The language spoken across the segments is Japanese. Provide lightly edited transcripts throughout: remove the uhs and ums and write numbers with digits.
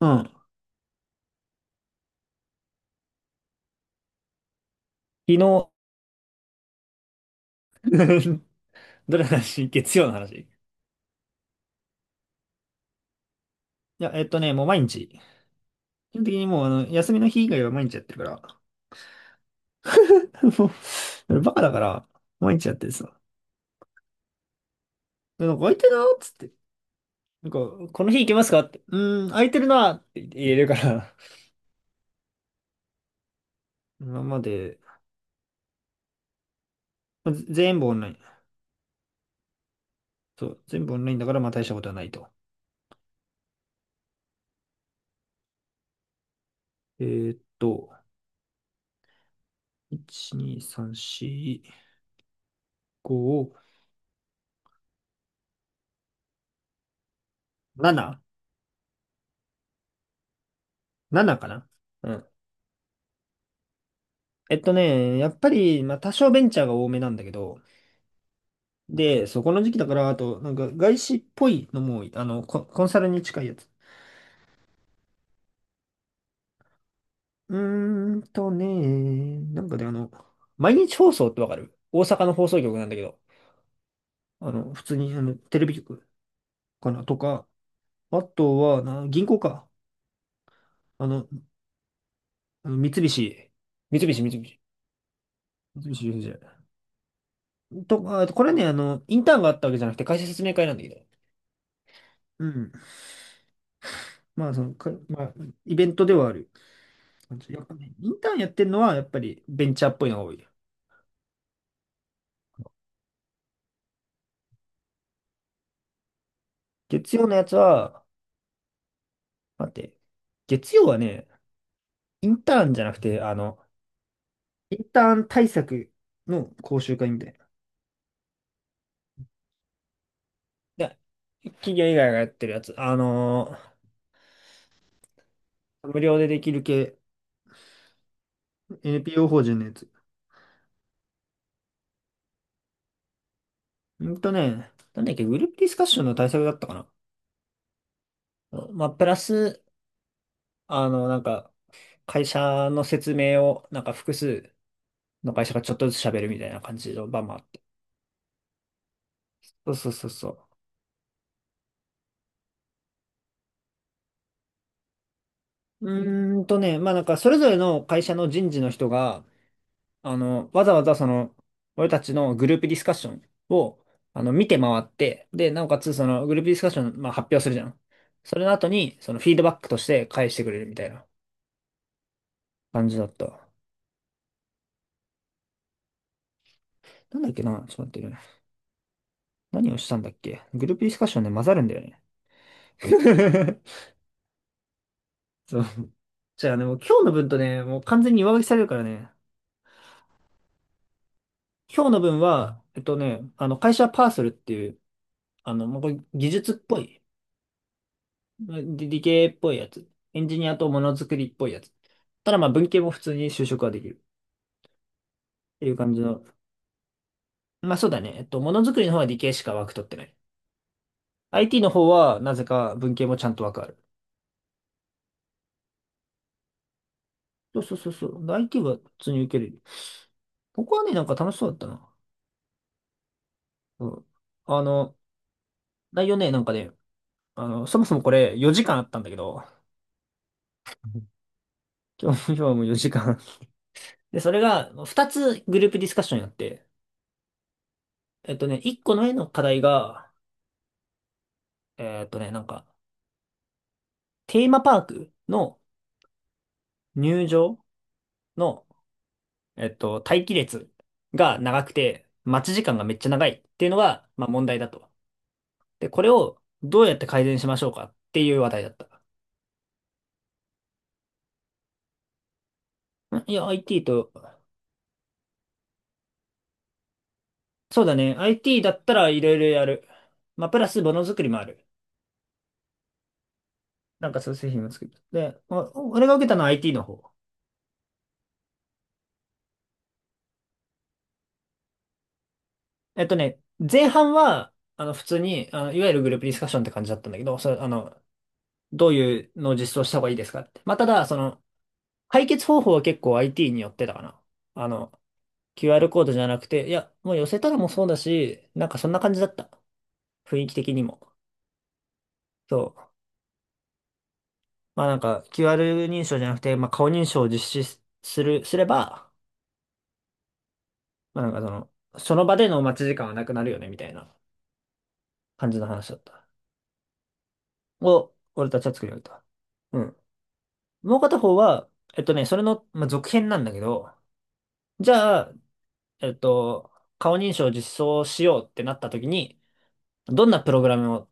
うん。昨日 どれの話？月曜の話？いや、もう毎日。基本的にもう、休みの日以外は毎日やってるから。もう、俺バカだから、毎日やってるさ。でなんか空いてるなっつって。なんか、この日行けますかって。うーん、空いてるなって言えるから。今まで、まず全部オンライン。そう、全部オンラインだから、まあ大したことはないと。えーっと、1、2、3、4、5、7。7かな。うん。やっぱり、まあ多少ベンチャーが多めなんだけど、で、そこの時期だから、あと、なんか外資っぽいのも、コンサルに近いやつ。うーんとね、なんかね、あの、毎日放送ってわかる？大阪の放送局なんだけど、普通に、テレビ局かなとか、あとは、銀行か。あの、あの三菱、三菱、三菱ユーエフジェーとか、あとこれね、インターンがあったわけじゃなくて、会社説明会なんだけど。うん。まあ、イベントではある感じ。やっぱね、インターンやってるのは、やっぱりベンチャーっぽいのが多い。月曜のやつは、待って、月曜はね、インターンじゃなくて、インターン対策の講習会みたいな。で企業以外がやってるやつ。無料でできる系、NPO 法人のやつ。うんとね、なんだっけ、グループディスカッションの対策だったかな。まあ、プラス、あの、なんか、会社の説明を、なんか複数の会社がちょっとずつ喋るみたいな感じの場もあって。そうそうそうそう。それぞれの会社の人事の人が、わざわざその、俺たちのグループディスカッションを、見て回って、で、なおかつその、グループディスカッション、まあ、発表するじゃん。それの後に、その、フィードバックとして返してくれるみたいな感じだった。なんだっけな、ちょっと待ってね。何をしたんだっけ？グループディスカッションね、混ざるんだよね。そう。じゃあね、もう今日の分とね、もう完全に上書きされるからね。今日の分は、会社パーソルっていう、もうこれ技術っぽい、まあ理系っぽいやつ。エンジニアとものづくりっぽいやつ。ただまあ文系も普通に就職はできるっていう感じの。まあそうだね。えっと、ものづくりの方は理系しか枠取ってない。IT の方はなぜか文系もちゃんと枠ある。そうそうそうそう。で IT は普通に受ける。ここはね、なんか楽しそうだったな。うん。あの、内容ね、そもそもこれ4時間あったんだけど、うん、今日はもう4時間。で、それが2つグループディスカッションやって、1個の絵の課題が、えっとね、なんか、テーマパークの入場の、えっと、待機列が長くて、待ち時間がめっちゃ長いっていうのが、まあ問題だと。で、これをどうやって改善しましょうかっていう話題だった。IT と、そうだね、IT だったらいろいろやる。まあ、プラスものづくりもある。なんかそういう製品を作る。で、俺が受けたのは IT の方。えっとね、前半は、普通に、いわゆるグループディスカッションって感じだったんだけど、それ、あの、どういうのを実装した方がいいですかって。まあ、ただ、解決方法は結構 IT によってたかな。あの、QR コードじゃなくて、いや、もう寄せたらもうそうだし、なんかそんな感じだった。雰囲気的にも。そう。まあなんか QR 認証じゃなくて、まあ顔認証を実施すする、すれば、まあなんかその、その場での待ち時間はなくなるよね、みたいな感じの話だった。を、俺たちは作り上げた。うん。もう片方は、それの、まあ、続編なんだけど、じゃあ、えっと、顔認証を実装しようってなった時に、どんなプログラムを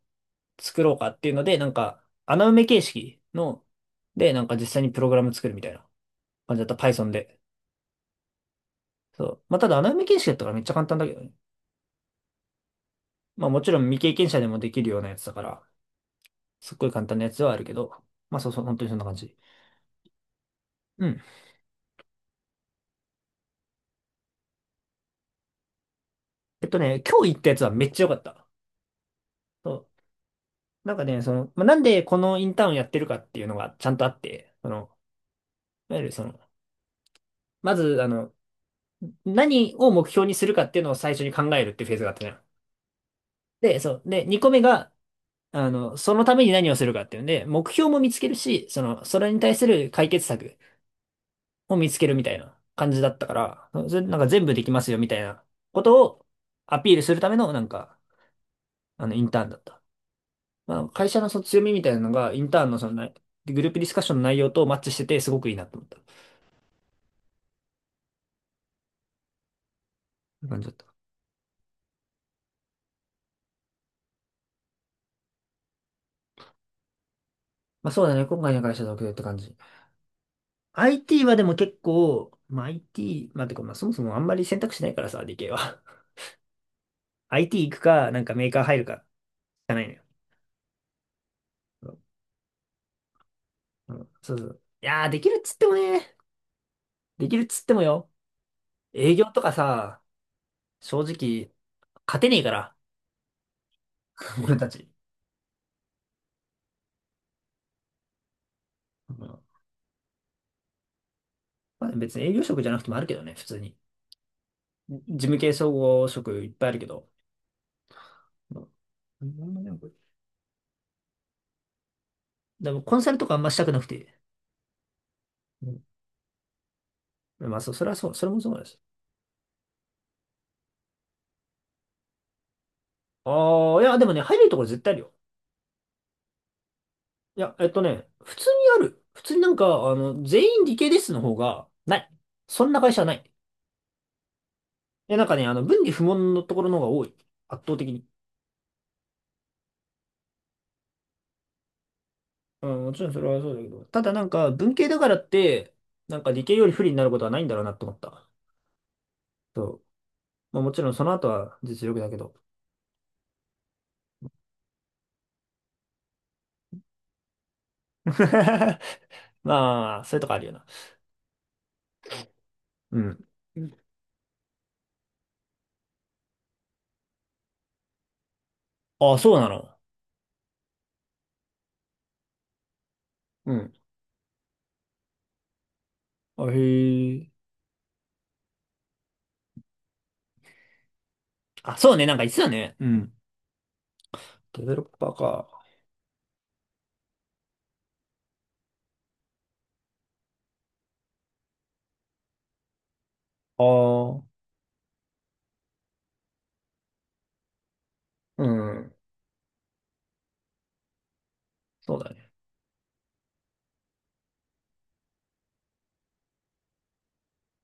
作ろうかっていうので、なんか穴埋め形式の、で、なんか実際にプログラム作るみたいな感じだった。Python で。そう。まあ、ただ穴埋め形式だったからめっちゃ簡単だけどね。まあもちろん未経験者でもできるようなやつだから、すっごい簡単なやつではあるけど、まあそうそう、本当にそんな感じ。うん。今日行ったやつはめっちゃ良かった。そう。なんかね、その、まあ、なんでこのインターンやってるかっていうのがちゃんとあって、その、いわゆるその、まず、あの、何を目標にするかっていうのを最初に考えるっていうフェーズがあったね。で、そう。で、2個目が、そのために何をするかっていうんで、目標も見つけるし、その、それに対する解決策も見つけるみたいな感じだったから、それなんか全部できますよみたいなことをアピールするための、インターンだった。まあ、会社のその強みみたいなのが、インターンのその内、グループディスカッションの内容とマッチしてて、すごくいいなと思った。そういう感じだった。まあ、そうだね。今回の会社だけって感じ。IT はでも結構、まあ、IT、まあ、てか、まあ、そもそもあんまり選択肢ないからさ、理系は。IT 行くか、なんかメーカー入るか、しかないのよ。うん、そうそう。できるっつってもよ。営業とかさ、正直、勝てねえから、俺たち。うん、まあ、別に営業職じゃなくてもあるけどね、普通に。事務系総合職いっぱいあるけど。うん、なんだねこれ。でもコンサルとかあんましたくなくて。うん、まあ、それはそう、それもそうです。ああ、いや、でもね、入れるところ絶対あるよ。いや、普通にある。普通になんか、あの、全員理系ですの方が、ない。そんな会社はない。いや、文理不問のところの方が多い。圧倒的に。うん、もちろんそれはそうだけど。ただなんか、文系だからって、なんか理系より不利になることはないんだろうなって思った。そう。まあもちろんその後は実力だけど。まあ、そういうとこあるよな。うん。あ、そうなの？うん。あ、へえ。あ、そうね。なんか言ってたね。うん。デベロッパーか。ああ。うん。そうだね。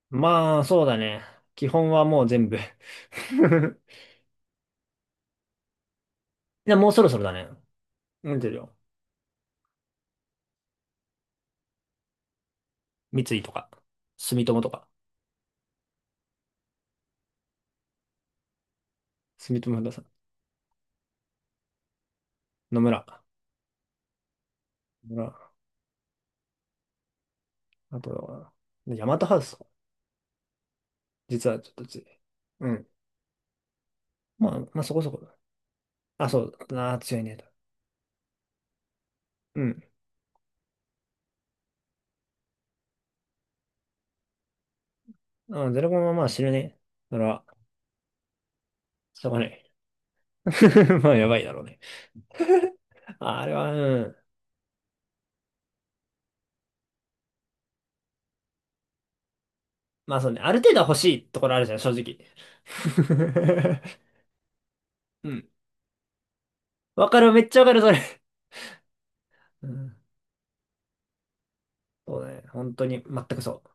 まあ、そうだね。基本はもう全部 いや、もうそろそろだね。見てるよ。三井とか、住友とか、住友不動産、野村。ほら、あとは、ヤマトハウス、実はちょっと強い。うん。まあ、まあそこそこだ。あ、そうだ。あー、強いねと。うん。あ、ゼロコンはまあ死ぬね。それは、しょうがない。まあ、やばいだろうね。あ、あれは、うん。まあそうね。ある程度は欲しいところあるじゃん、正直。うん。わかる、めっちゃわかる、それ。うん。そうね。本当に、全くそう。